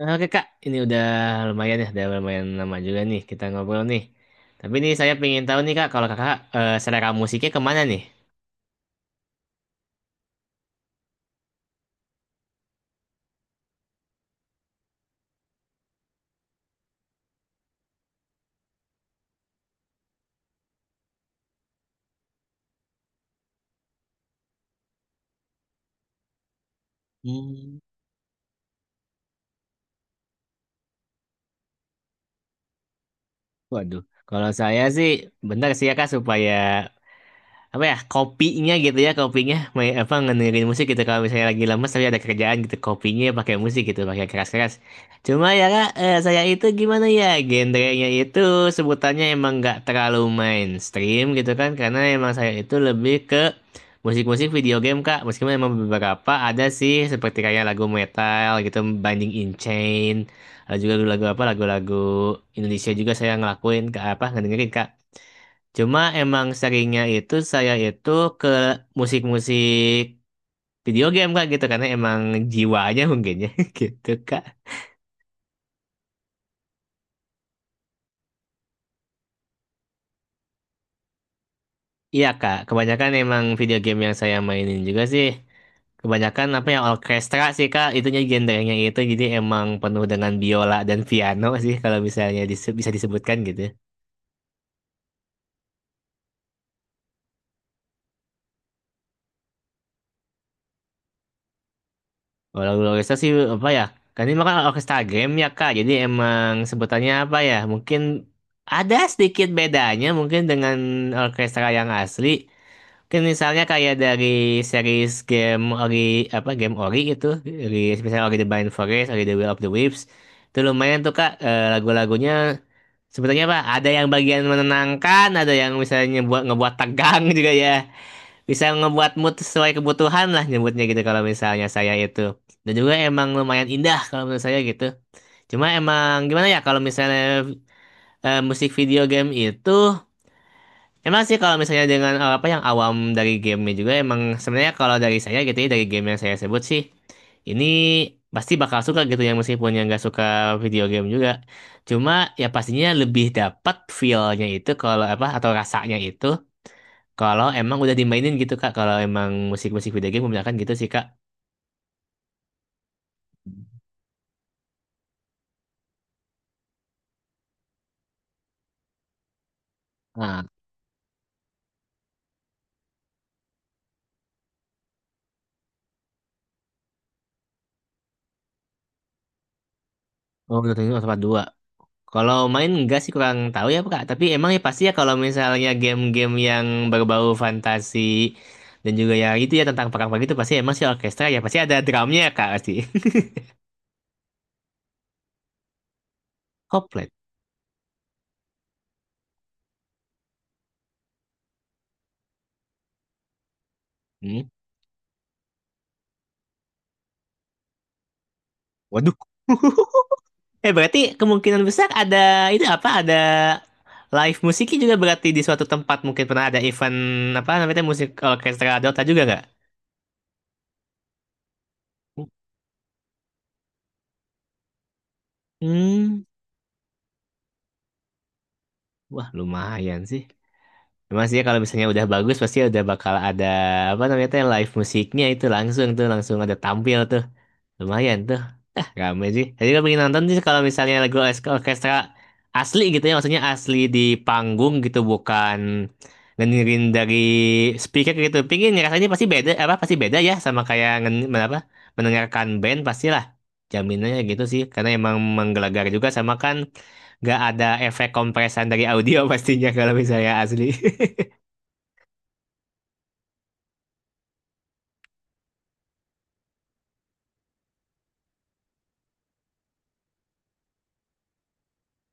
Oke Kak, ini udah lumayan ya, udah lumayan lama juga nih kita ngobrol nih. Tapi nih saya pengen tahu nih Kak, kalau Kakak selera musiknya kemana nih? Hmm. Waduh, kalau saya sih, bentar sih ya Kak supaya apa ya kopinya gitu ya kopinya main apa ngedengerin musik gitu kalau misalnya lagi lemes tapi ada kerjaan gitu kopinya pakai musik gitu pakai keras-keras cuma ya Kak, saya itu gimana ya genrenya itu sebutannya emang nggak terlalu mainstream gitu kan karena emang saya itu lebih ke musik-musik video game kak, meskipun emang beberapa ada sih seperti kayak lagu metal gitu Binding in Chain, ada juga lagu-lagu apa lagu-lagu Indonesia juga saya ngelakuin ke apa ngedengerin kak. Cuma emang seringnya itu saya itu ke musik-musik video game kak gitu karena emang jiwanya mungkin ya gitu kak. Iya kak, kebanyakan emang video game yang saya mainin juga sih. Kebanyakan apa ya orkestra sih kak, itunya genrenya itu jadi emang penuh dengan biola dan piano sih kalau misalnya bisa disebutkan gitu. Oh, lagu orkestra sih apa ya? Kan ini makan orkestra game ya Kak. Jadi emang sebutannya apa ya? Mungkin ada sedikit bedanya mungkin dengan orkestra yang asli. Mungkin misalnya kayak dari series game Ori apa game Ori gitu, Ori, misalnya Ori the Blind Forest, Ori the Will of the Wisps. Itu lumayan tuh Kak, lagu-lagunya sebetulnya apa? Ada yang bagian menenangkan, ada yang misalnya buat ngebuat tegang juga ya, bisa ngebuat mood sesuai kebutuhan lah nyebutnya gitu kalau misalnya saya itu, dan juga emang lumayan indah kalau menurut saya gitu. Cuma emang gimana ya kalau misalnya musik video game itu emang sih kalau misalnya dengan apa yang awam dari gamenya juga emang sebenarnya kalau dari saya gitu ya dari game yang saya sebut sih ini pasti bakal suka gitu ya meskipun yang nggak suka video game juga, cuma ya pastinya lebih dapat feel-nya itu kalau apa atau rasanya itu kalau emang udah dimainin gitu Kak, kalau emang musik-musik video game kebanyakan gitu sih Kak. Nah, oh menurutnya Otopat 2. Kalau main enggak sih kurang tahu ya Kak, tapi emang ya pasti ya kalau misalnya game-game yang berbau fantasi dan juga ya itu ya tentang perang-perang itu pasti emang sih orkestra ya, pasti ada drumnya ya Kak pasti. Koplet. Hmm? Waduh. Berarti kemungkinan besar ada itu apa ada live musiknya juga berarti di suatu tempat mungkin pernah ada event apa namanya musik orkestra Dota juga nggak? Hmm. Wah, lumayan sih. Emang sih ya, kalau misalnya udah bagus pasti udah bakal ada apa namanya tuh live musiknya itu langsung tuh langsung ada tampil tuh. Lumayan tuh. Ah, rame sih. Jadi gue pengen nonton sih kalau misalnya lagu orkestra asli gitu ya, maksudnya asli di panggung gitu bukan ngedengerin dari speaker gitu. Pingin rasanya pasti beda apa pasti beda ya sama kayak apa mendengarkan band pastilah. Jaminannya gitu sih karena emang menggelegar juga sama kan nggak ada efek kompresan dari audio pastinya kalau misalnya asli.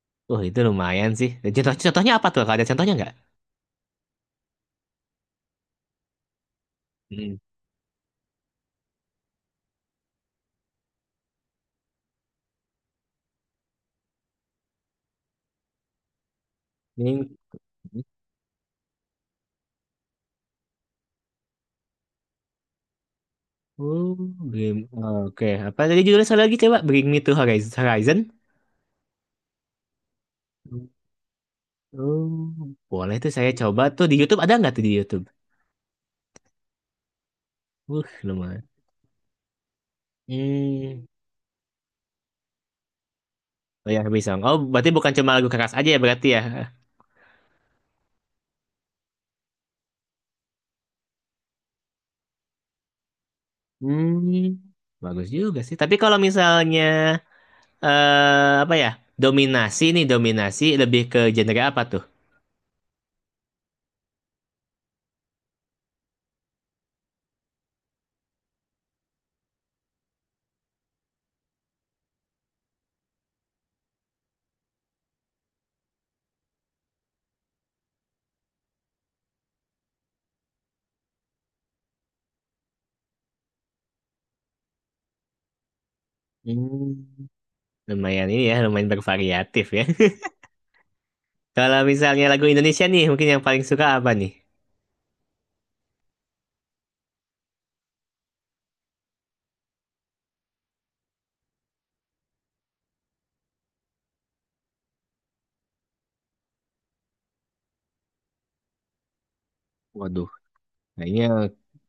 Wah itu lumayan sih. Contoh, contohnya apa tuh? Kalau ada contohnya nggak? Hmm. Ini- Oh, game. Oke. Apa tadi judulnya sekali lagi coba? Bring Me to Horizon. Oh, boleh tuh saya coba tuh di YouTube, ada nggak tuh di YouTube? Lumayan. Hmm. Oh ya, bisa. Oh, berarti bukan cuma lagu keras aja ya berarti ya? Hmm. Bagus juga sih. Tapi kalau misalnya apa ya? Dominasi nih, dominasi lebih ke genre apa tuh? Hmm. Lumayan ini ya, lumayan bervariatif ya. Kalau misalnya lagu Indonesia nih, mungkin yang paling suka apa nih? Waduh, kayaknya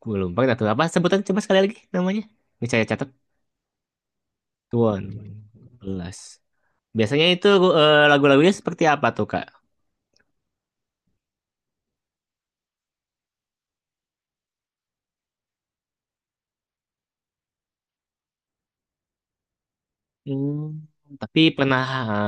gue lupa dah tuh apa sebutan coba sekali lagi namanya. Ini saya catat. Tuan belas. Biasanya itu lagu-lagunya seperti apa tuh, Kak? Hmm. Tapi pernah ah,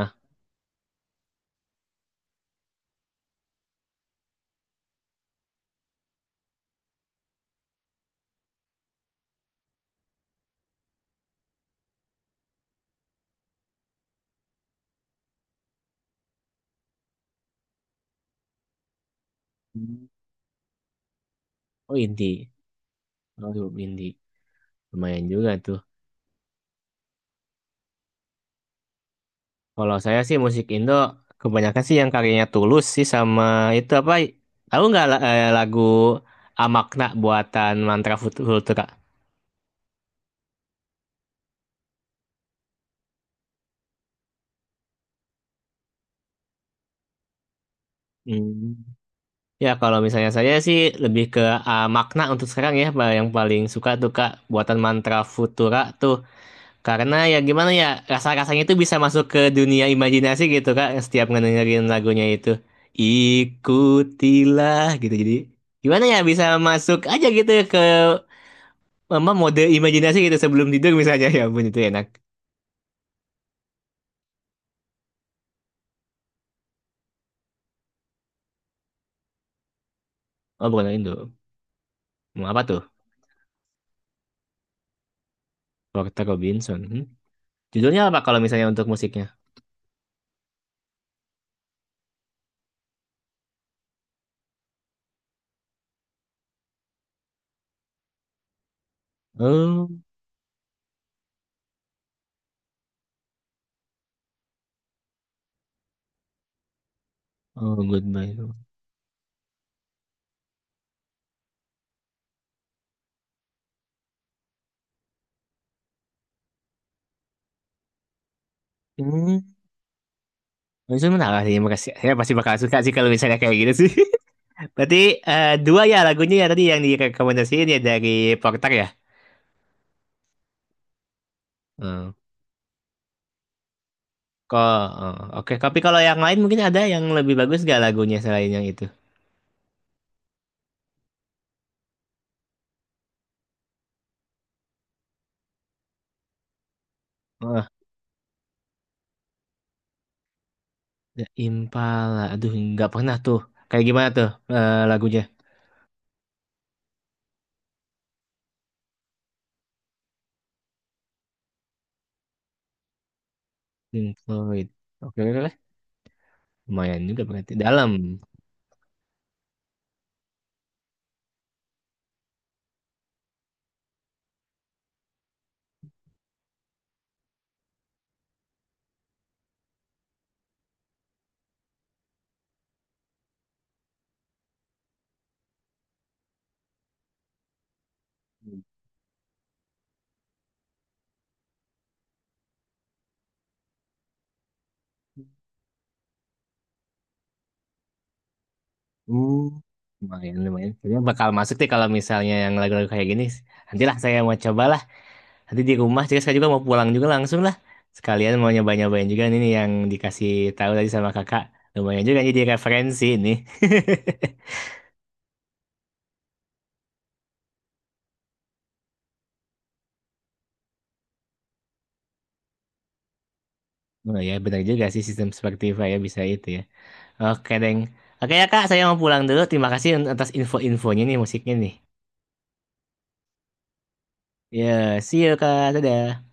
hmm. Oh indie. Oh, indie. Lumayan juga tuh. Kalau saya sih musik Indo kebanyakan sih yang karyanya Tulus sih sama itu apa? Tahu nggak lagu Amakna buatan Mantra Futura? Hmm. Ya kalau misalnya saya sih lebih ke makna untuk sekarang ya Pak, yang paling suka tuh Kak buatan Mantra Futura tuh karena ya gimana ya rasa-rasanya itu bisa masuk ke dunia imajinasi gitu Kak, setiap ngedengerin lagunya itu ikutilah gitu jadi gimana ya bisa masuk aja gitu ke Mama mode imajinasi gitu sebelum tidur misalnya ya ampun itu enak. Oh bukan Indo. Mau apa tuh? Porter Robinson. Hmm? Judulnya apa kalau misalnya untuk musiknya? Oh, oh goodbye. Hmm. Itu menarik sih, makasih. Saya pasti bakal suka sih kalau misalnya kayak gitu sih. Berarti dua ya lagunya ya tadi yang direkomendasiin ya dari Porter ya. Hmm. Kok, oh, oke. Tapi kalau yang lain mungkin ada yang lebih bagus gak lagunya selain yang itu? Oh, The Impala. Aduh, nggak pernah tuh. Kayak gimana tuh lagunya? Pink Floyd. Oke, oke, oke. Lumayan juga berarti. Dalam. Uh, lumayan, lumayan. Kayaknya bakal masuk deh kalau misalnya yang lagu-lagu kayak gini. Nantilah saya mau cobalah. Nanti di rumah, jadi saya juga mau pulang juga langsung lah. Sekalian mau nyoba-nyobain juga ini nih yang dikasih tahu tadi sama kakak. Lumayan juga jadi referensi ini Oh ya, benar juga sih sistem Spotify ya bisa itu ya. Oke, Deng. Oke ya, Kak. Saya mau pulang dulu. Terima kasih atas info-infonya nih musiknya nih. Ya, see you, Kak. Dadah.